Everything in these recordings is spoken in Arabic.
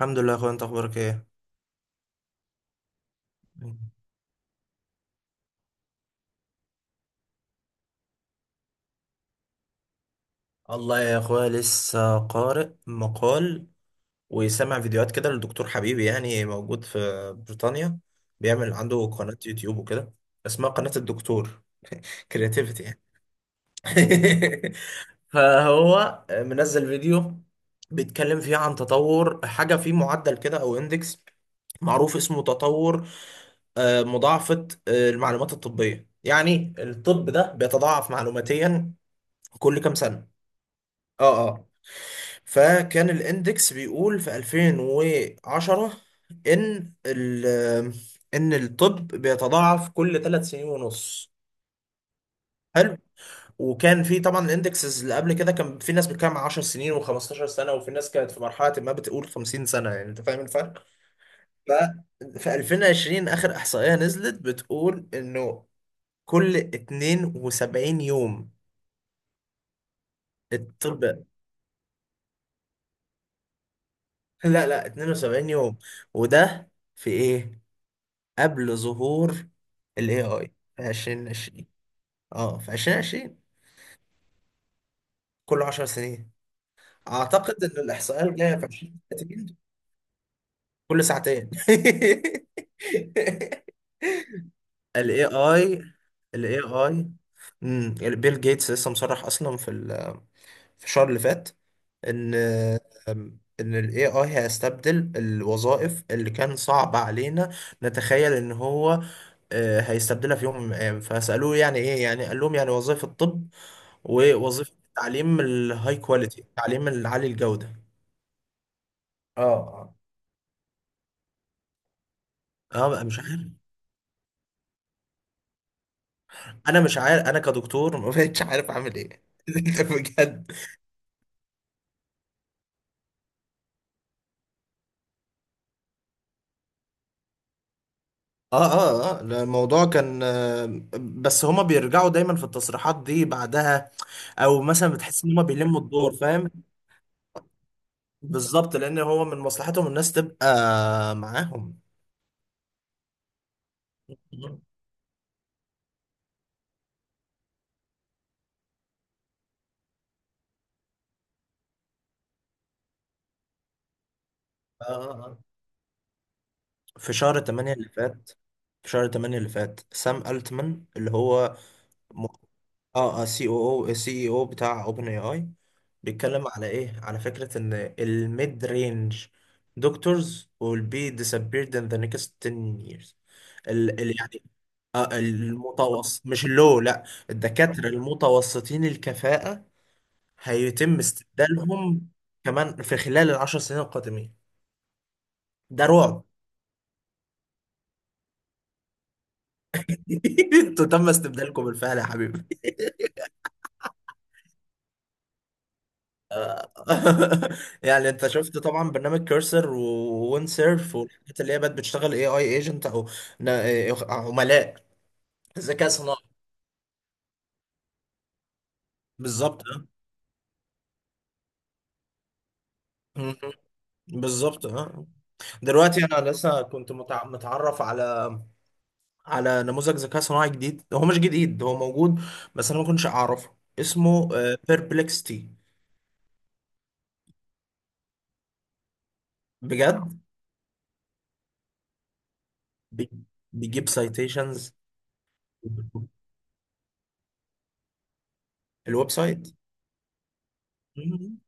الحمد لله يا اخويا. انت اخبارك ايه؟ الله يا اخويا، لسه قارئ مقال وسامع فيديوهات كده لدكتور حبيبي، يعني موجود في بريطانيا، بيعمل عنده قناة يوتيوب وكده. اسمها قناة الدكتور كرياتيفيتي يعني. فهو منزل فيديو بيتكلم فيه عن تطور حاجة في معدل كده او اندكس معروف اسمه تطور، مضاعفة المعلومات الطبية، يعني الطب ده بيتضاعف معلوماتيا كل كام سنة. اه اه. فكان الاندكس بيقول في 2010 ان ال ان الطب بيتضاعف كل 3 سنين ونص. حلو. وكان في طبعا الاندكسز اللي قبل كده، كان في ناس بتتكلم عن 10 سنين و15 سنه، وفي ناس كانت في مرحله ما بتقول 50 سنه، يعني انت فاهم الفرق. ف في 2020 اخر احصائيه نزلت بتقول انه كل 72 يوم الطب. لا لا، 72 يوم. وده في ايه؟ قبل ظهور ال AI في 2020. اه، في 2020. كل 10 سنين. اعتقد ان الاحصائيه الجايه في 2030 كل ساعتين. ال AI ال AI بيل جيتس لسه مصرح اصلا في الشهر اللي فات ان ان ال AI هيستبدل الوظائف اللي كان صعب علينا نتخيل ان هو هيستبدلها في يوم من الايام. فسالوه يعني ايه؟ يعني قال لهم يعني وظائف الطب ووظيفة تعليم الهاي كواليتي، تعليم العالي الجودة. اه آه. اه بقى مش عارف. انا مش عارف، انا كدكتور ما بقتش عارف اعمل ايه بجد. اه اه اه. لا، الموضوع كان، بس هما بيرجعوا دايما في التصريحات دي بعدها، او مثلا بتحس ان هما بيلموا الدور فاهم. بالظبط، لان هو من مصلحتهم الناس تبقى معاهم. مم. اه اه اه. في شهر 8 اللي فات في شهر 8 اللي فات سام التمان اللي هو اه سي اي او بتاع اوبن اي اي، بيتكلم على ايه؟ على فكرة ان الميد رينج دكتورز will be disappeared in the next 10 years. ال ال يعني المتوسط، مش اللو. لا. الدكاترة المتوسطين الكفاءة هيتم استبدالهم كمان في خلال العشر سنين القادمين. ده رعب. انتوا تم استبدالكم بالفعل يا حبيبي. يعني انت شفت طبعا برنامج كيرسر ووينسيرف والحاجات اللي هي بقت بتشتغل اي اي ايجنت او نا- عملاء ذكاء صناعي. بالظبط اه. مم. بالظبط اه. دلوقتي انا لسه كنت متعرف على نموذج ذكاء صناعي جديد. هو مش جديد، هو موجود، بس انا ما كنتش اعرفه. اسمه بيربلكستي. بجد. بي- بيجيب سايتيشنز. الويب سايت. مم.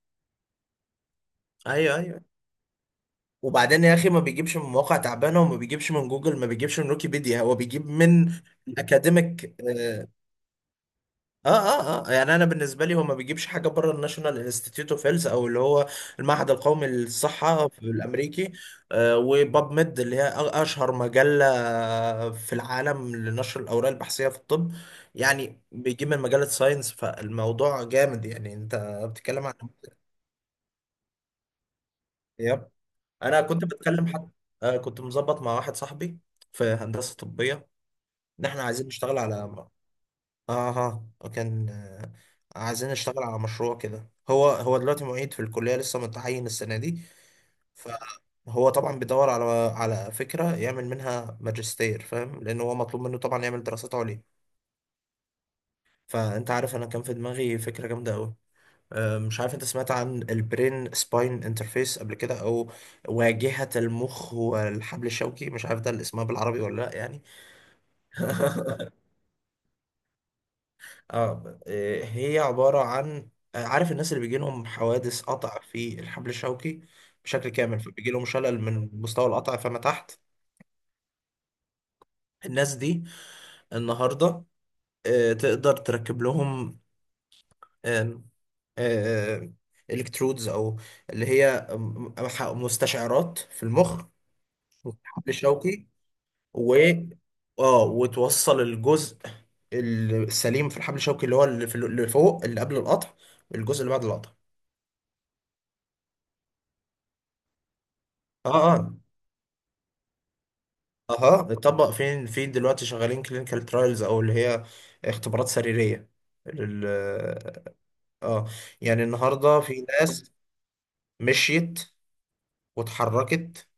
ايوه ايوه. وبعدين يا اخي، ما بيجيبش من مواقع تعبانه، وما بيجيبش من جوجل، ما بيجيبش من ويكيبيديا. هو بيجيب من اكاديميك. اه اه اه آه. يعني انا بالنسبه لي هو ما بيجيبش حاجه بره الناشونال انستيتيوت اوف هيلث، او اللي هو المعهد القومي للصحه في الامريكي. آه، وباب ميد، اللي هي اشهر مجله في العالم لنشر الاوراق البحثيه في الطب. يعني بيجيب من مجله ساينس، فالموضوع جامد. يعني انت بتتكلم عن، انا كنت بتكلم حد، كنت مظبط مع واحد صاحبي في هندسه طبيه، ان احنا عايزين نشتغل على اه آه، آه، كان آه، عايزين نشتغل على مشروع كده. هو دلوقتي معيد في الكليه، لسه متعين السنه دي. فهو طبعا بيدور على فكره يعمل منها ماجستير فاهم، لان هو مطلوب منه طبعا يعمل دراسات عليا. فانت عارف انا كان في دماغي فكره جامده قوي. مش عارف انت سمعت عن البرين سباين انترفيس قبل كده، او واجهة المخ والحبل الشوكي، مش عارف ده اللي اسمها بالعربي ولا لا يعني. هي عبارة عن، عارف الناس اللي بيجي لهم حوادث قطع في الحبل الشوكي بشكل كامل، فبيجي لهم شلل من مستوى القطع فما تحت. الناس دي النهاردة تقدر تركب لهم آم، آه، الكترودز، او اللي هي مستشعرات في المخ والحبل الشوكي، و اه وتوصل الجزء السليم في الحبل الشوكي، اللي هو اللي فوق، اللي قبل القطع، الجزء اللي بعد القطع. اه اه اها. اتطبق. فين دلوقتي شغالين كلينيكال ترايلز، او اللي هي اختبارات سريرية لل اه. يعني النهارده في ناس مشيت واتحركت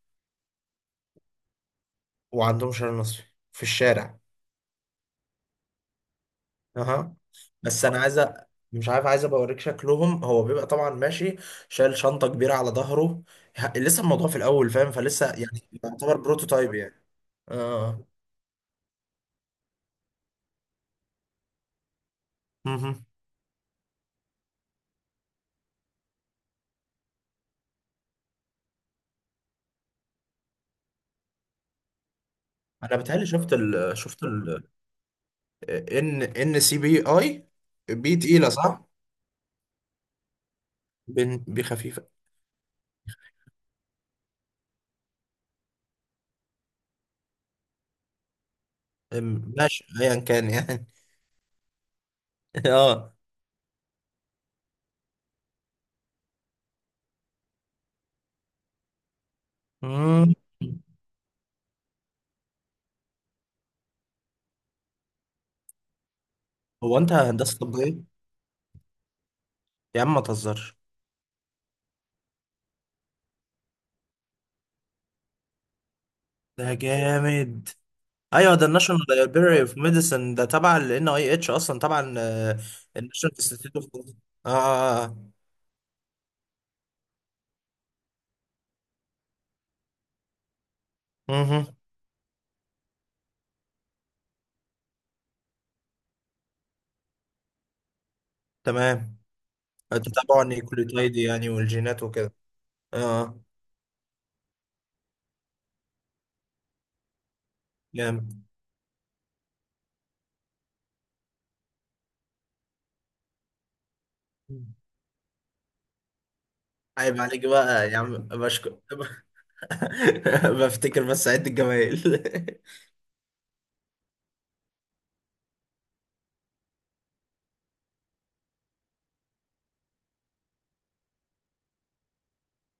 وعندهم شلل نصفي في الشارع. اها. بس انا عايز، مش عارف، عايز ابقى اوريك شكلهم. هو بيبقى طبعا ماشي، شايل شنطه كبيره على ظهره. لسه الموضوع في الاول فاهم، فلسه يعني يعتبر بروتوتايب يعني. اه مهم. انا بتهيألي شفت ال ان سي بي اي. بي تقيله صح؟ بي خفيفه. ماشي ايا كان يعني. اه مم. هو انت هندسه طبيه؟ يا عم ما تهزرش. ده جامد. ايوه، ده الناشونال لايبراري اوف ميديسن ده تبع ال ان اي اتش، اصلا تبع الناشونال انستيتيوت اوف. اه اه اه مهم. تمام. تتابعوا النيوكليوتايد يعني والجينات وكده. اه آه. جامد. عيب عليك بقى يا عم، بشكر. بفتكر بس عد الجمايل.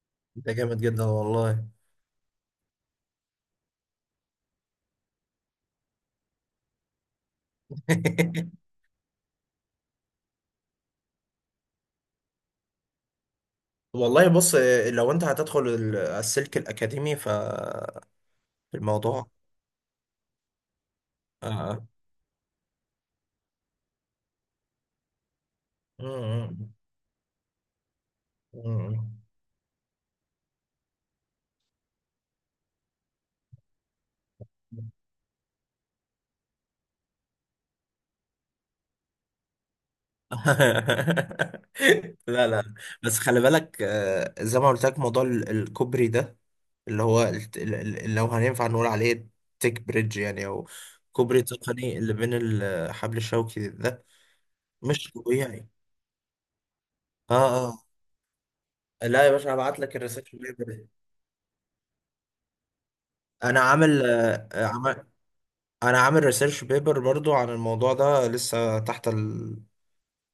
ده جامد جدا والله. والله بص، لو انت هتدخل السلك الاكاديمي، الموضوع آه. مم. مم. لا لا. بس خلي بالك، زي ما قلت لك موضوع الكوبري ده، اللي هو لو هينفع نقول عليه تيك بريدج يعني، او كوبري تقني اللي بين الحبل الشوكي. ده مش طبيعي. اه اه. لا يا باشا، هبعت لك الريسيرش بيبر. انا عامل، آه، عمل انا عامل ريسيرش بيبر برضو عن الموضوع ده، لسه تحت،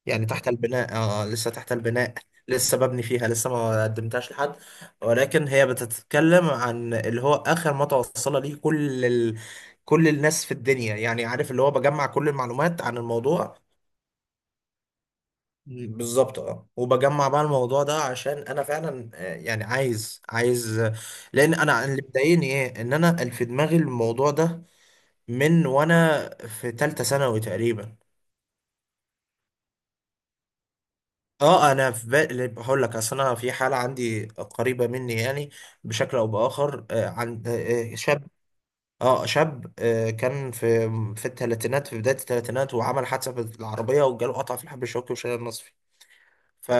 يعني تحت البناء. لسه تحت البناء، لسه ببني فيها، لسه ما قدمتهاش لحد. ولكن هي بتتكلم عن اللي هو آخر ما توصل ليه كل ال... كل الناس في الدنيا، يعني عارف اللي هو بجمع كل المعلومات عن الموضوع. بالظبط اه. وبجمع بقى الموضوع ده عشان انا فعلا، يعني عايز عايز. لان انا اللي مضايقني ايه؟ ان انا في دماغي الموضوع ده من وانا في تالتة ثانوي تقريبا. اه، انا في بالي هقول لك، اصل انا في حاله عندي قريبه مني، يعني بشكل او باخر، عن شاب. اه، شاب، كان في في الثلاثينات، في بدايه الثلاثينات، وعمل حادثه بالعربيه، وجاله قطع في الحب الشوكي وشال النصفي. ف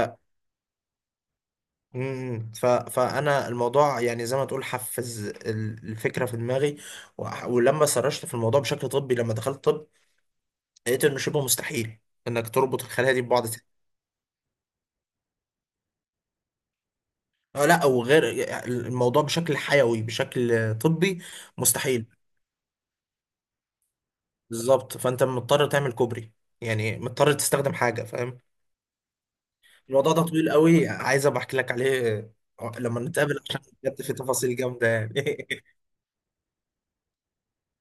مم، ف فانا الموضوع يعني زي ما تقول حفز الفكره في دماغي. ولما سرشت في الموضوع بشكل طبي، لما دخلت طب، لقيت انه شبه مستحيل انك تربط الخلايا دي ببعض. لا، وغير الموضوع بشكل حيوي بشكل طبي مستحيل. بالظبط، فانت مضطر تعمل كوبري، يعني مضطر تستخدم حاجه فاهم. الموضوع ده طويل قوي، عايز ابقى احكي لك عليه لما نتقابل، عشان بجد في تفاصيل جامده يعني.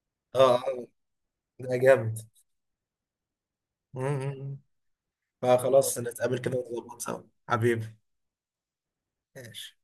اه آه، ده جامد. م- م- م. فخلاص نتقابل كده ونظبط سوا. حبيبي. ماشي.